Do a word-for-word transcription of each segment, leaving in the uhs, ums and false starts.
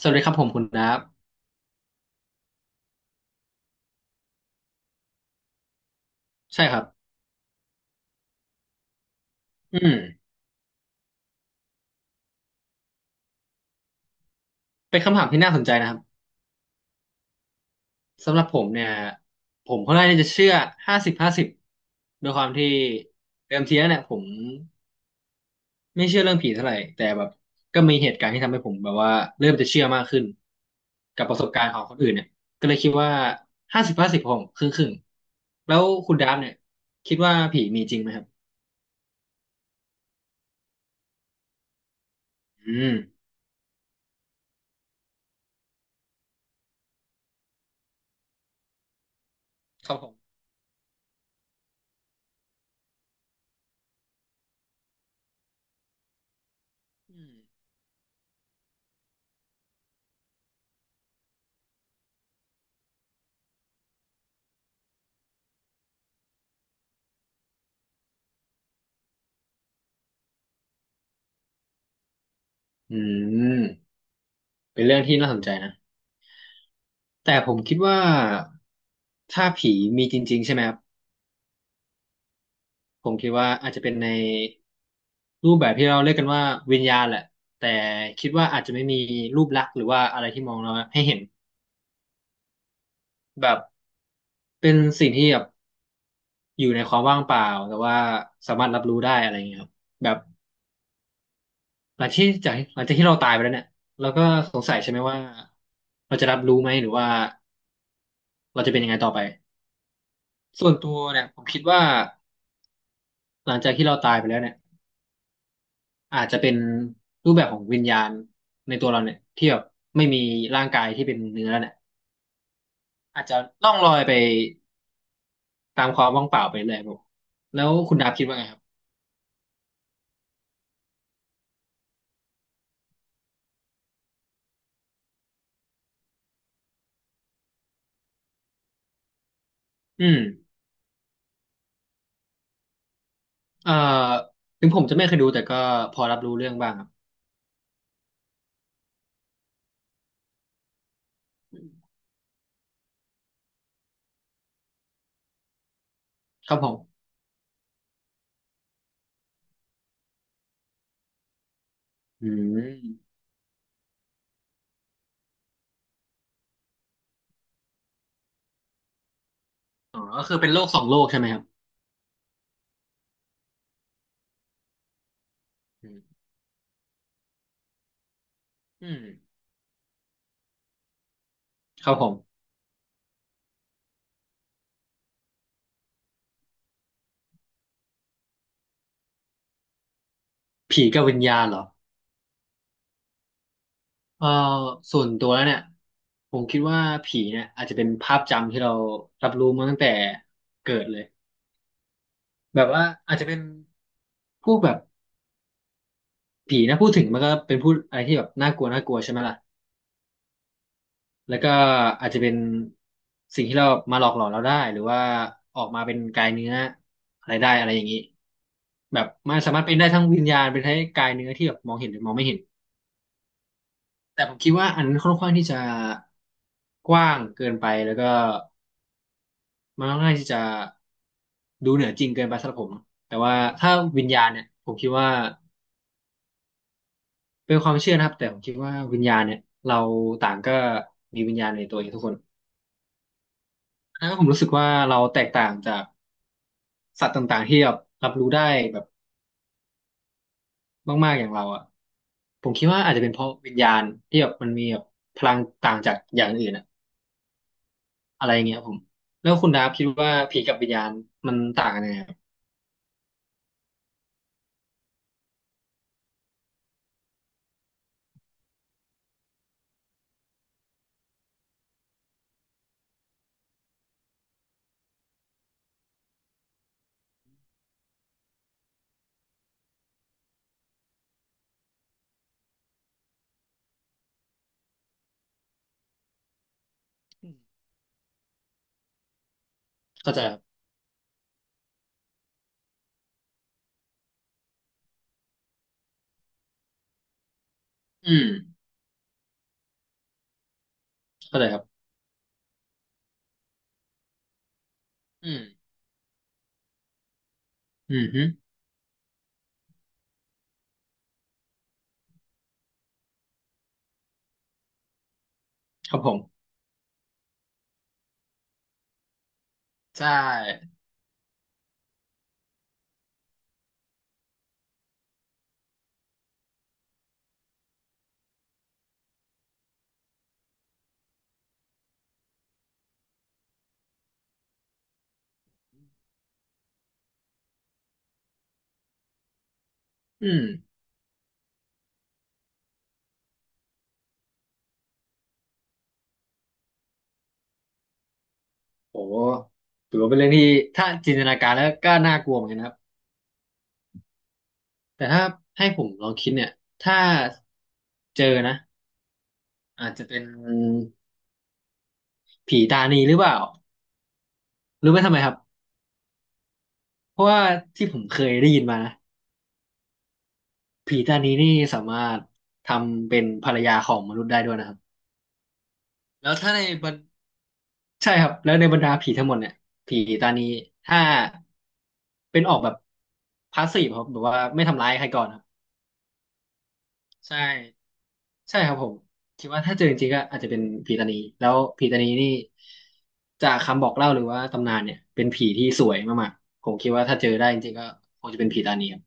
สวัสดีครับผมคุณดับใช่ครับอืมเป็นคำถามที่น่าสนใจนะครับสำหรับผมเนี่ยผมค่อนข้างที่จะเชื่อห้าสิบห้าสิบด้วยความที่เดิมทีแล้วเนี่ยผมไม่เชื่อเรื่องผีเท่าไหร่แต่แบบก็มีเหตุการณ์ที่ทำให้ผมแบบว่าเริ่มจะเชื่อมากขึ้นกับประสบการณ์ของคนอื่นเนี่ยก็เลยคิดว่าห้าสิบห้าสิบผมครึ่งครึ่งแล้วคุณดับเนี่ยคิดว่าผีมีจริงไหมครับอืมครับผมอืมอืมเป็นเรื่องที่น่าสนใจนะ แต่ผมคิดว่าถ้าผีมีจริงๆใช่ไหมครับผมคิดว่าอาจจะเป็นในรูปแบบที่เราเรียกกันว่าวิญญาณแหละแต่คิดว่าอาจจะไม่มีรูปลักษณ์หรือว่าอะไรที่มองเราให้เห็นแบบเป็นสิ่งที่แบบอยู่ในความว่างเปล่าแต่ว่าสามารถรับรู้ได้อะไรอย่างเงี้ยครับแบบหลังที่จากหลังจากที่เราตายไปแล้วเนี่ยเราก็สงสัยใช่ไหมว่าเราจะรับรู้ไหมหรือว่าเราจะเป็นยังไงต่อไปส่วนตัวเนี่ยผมคิดว่าหลังจากที่เราตายไปแล้วเนี่ย อาจจะเป็นรูปแบบของวิญญาณในตัวเราเนี่ยที่แบบไม่มีร่างกายที่เป็นเนื้อเนี่ยอาจจะล่องลอยไปตามความว่างเปล่าไปเลยครับผมแล้วคุณดาบคิดว่าไงครับอืมเอ่อถึงผมจะไม่เคยดูแต่ก็พอรับรู้เรื่องบ้างครับครับผมอืมอ๋อก็คือเป็นโลกสองโลกใช่ไหมครับอืมอืมครับผมผีกับวิญญาณเหรอเอ่อส่วนตัวแล้วเนี่ยผมคิดว่าผีเนี่ยอาจจะเป็นภาพจำที่เรารับรู้มาตั้งแต่เกิดเลยแบบว่าอาจจะเป็น พวกแบบผีนะพูดถึงมันก็เป็นพูดอะไรที่แบบน่ากลัวน่ากลัวใช่ไหมล่ะแล้วก็อาจจะเป็นสิ่งที่เรามาหลอกหลอนเราได้หรือว่าออกมาเป็นกายเนื้ออะไรได้อะไรอย่างนี้แบบมันสามารถเป็นได้ทั้งวิญญาณเป็นทั้งกายเนื้อที่แบบมองเห็นหรือมองไม่เห็นแต่ผมคิดว่าอันนั้นค่อนข้างที่จะกว้างเกินไปแล้วก็มันค่อนข้างที่จะดูเหนือจริงเกินไปสำหรับผมแต่ว่าถ้าวิญญาณเนี่ยผมคิดว่า เป็นความเชื่อนะครับแต่ผมคิดว่าวิญญาณเนี่ยเราต่างก็มีวิญญาณในตัวเองทุกคนอันนั้นผมรู้สึกว่าเราแตกต่างจากสัตว์ต่างๆที่แบบรับรู้ได้แบบมากๆอย่างเราอ่ะผมคิดว่าอาจจะเป็นเพราะวิญญาณที่แบบมันมีแบบพลังต่างจากอย่างอื่นอะอะไรอย่างเงี้ยครับผมแล้วคุณดาฟคิดว่าผีกับวิญญาณมันต่างกันยังไงครับเข้าใจครับอืมเข้าใจครับอืมอืมฮึครับผมใช่อืมโหถือว่าเป็นเรื่องที่ถ้าจินตนาการแล้วก็น่ากลัวเหมือนกันนะครับ แต่ถ้าให้ผมลองคิดเนี่ยถ้าเจอนะอาจจะเป็นผีตานีหรือเปล่ารู้ไหมทำไมครับเพราะว่าที่ผมเคยได้ยินมานะผีตานีนี่สามารถทำเป็นภรรยาของมนุษย์ได้ด้วยนะครับแล้วถ้าในบรรใช่ครับแล้วในบรรดาผีทั้งหมดเนี่ยผีตานีถ้าเป็นออกแบบพาสซีฟครับแบบว่าไม่ทำร้ายใครก่อนครับใช่ ใช่ครับผมคิดว่าถ้าเจอจริงๆก็อาจจะเป็นผีตานีแล้วผีตานีนี่จากคำบอกเล่าหรือว่าตำนานเนี่ยเป็นผีที่สวยมากๆผมคิดว่าถ้าเจอได้จริงๆก็คงจะเป็นผีตานีครับ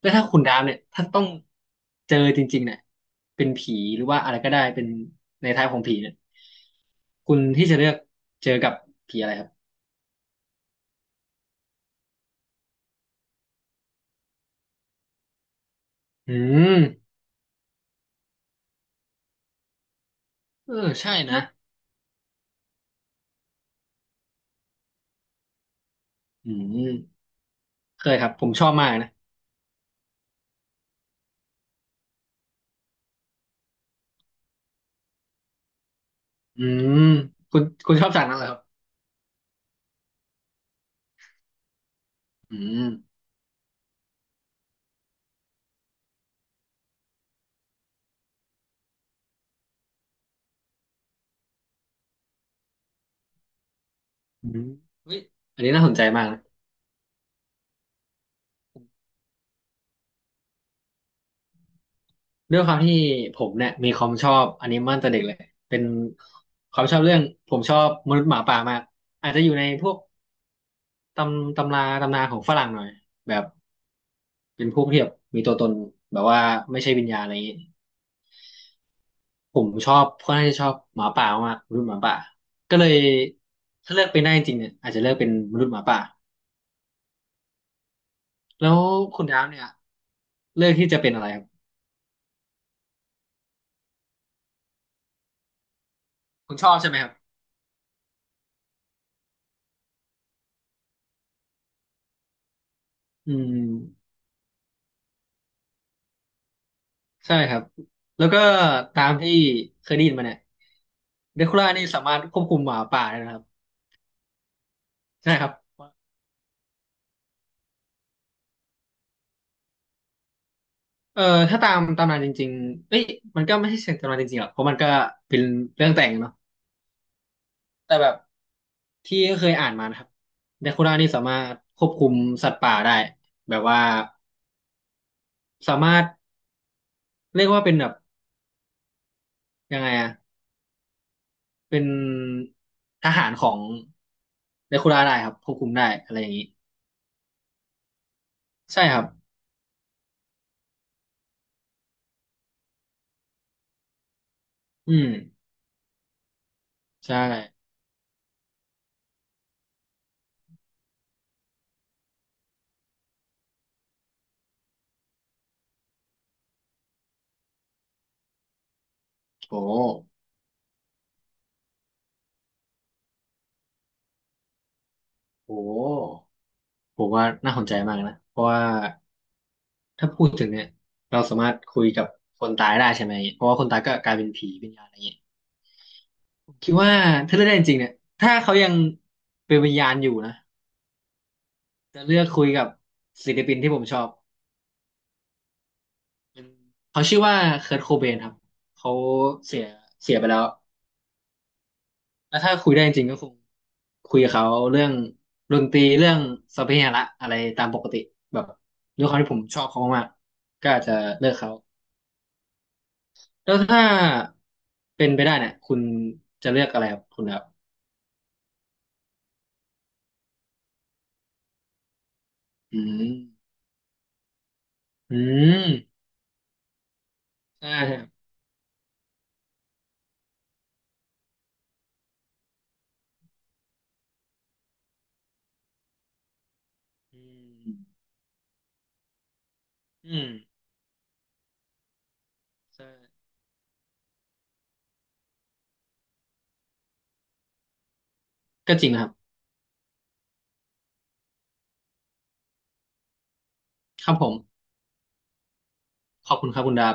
แล้วถ้าคุณดามเนี่ยถ้าต้องเจอจริงๆเนี่ยเป็นผีหรือว่าอะไรก็ได้เป็นในท้ายของผีเนี่ยคุณที่จะเลือกเจอกับผีอะไรครับอืมเออใช่นะอืมเคยครับผมชอบมากนะอืมคุณคุณชอบจากนั้นเหรอครับอืม อืมเฮ้ยอันนี้น่าสนใจมากนะด้วยความที่ผมเนี่ยมีความชอบอนิเมะตั้งแต่เด็กเลยเป็นความชอบเรื่องผมชอบมนุษย์หมาป่ามากอาจจะอยู่ในพวกตำตำราตำนานของฝรั่งหน่อยแบบเป็นพวกที่แบบมีตัวตนแบบว่าไม่ใช่วิญญาณอะไรอย่างนี้ผมชอบค่อนข้างจะชอบหมาป่ามากมนุษย์หมาป่าก็เลยถ้าเลือกเป็นได้จริงๆเนี่ยอาจจะเลือกเป็นมนุษย์หมาป่าแล้วคุณดาวเนี่ยเลือกที่จะเป็นอะไรครับคุณชอบใช่ไหมครับอืม ใช่ครับแล้วก็ตามที่เคยได้ยินมาเนี่ยเดคูล่านี่สามารถควบคุมหมาป่าได้นะครับใช่ครับเอ่อถ้าตามตำนานจริงๆเอ้ยมันก็ไม่ใช่เสียงตำนานจริงๆหรอกเพราะมันก็เป็นเรื่องแต่งเนาะแต่แบบที่เคยอ่านมานะครับเดคูล่านี่สามารถควบคุมสัตว์ป่าได้แบบว่าสามารถเรียกว่าเป็นแบบยังไงอะเป็นทหารของเดคูล่าได้ครับควบคุมได้อะไรอย่างนี้ใช่ครับอืมใช่โอ้ โอ้ผมว่าน่าสนใจมากนะเพราะว่าถ้าพูดถึงเนี่ยเราสามารถคุยกับคนตายได้ใช่ไหมเพราะว่าคนตายก็กลายเป็นผีวิญญาณอะไรเงี้ยผมคิดว่าถ้าเลือกได้จริงๆเนี่ยถ้าเขายังเป็นวิญญาณอยู่นะจะเลือกคุยกับศิลปินที่ผมชอบเป็นเขาชื่อว่าเคิร์ตโคเบนครับเขาเสียเสียไปแล้วแล้วถ้าคุยได้จริงๆก็คงคุยกับเขาเรื่องดนตรีเรื่องสัพเพเหระอะไรตามปกติแบบด้วยความที่ผมชอบเขามากๆก็อาจจะเลือกเขา แล้วถ้าเป็นไปได้เนี่ยคุณจะเลือกอะไรครับคุณครับอืมอืมใช่ครับอืมอืมใช่ก็จริงนะครับครับผมขอบคุณครับคุณดาบ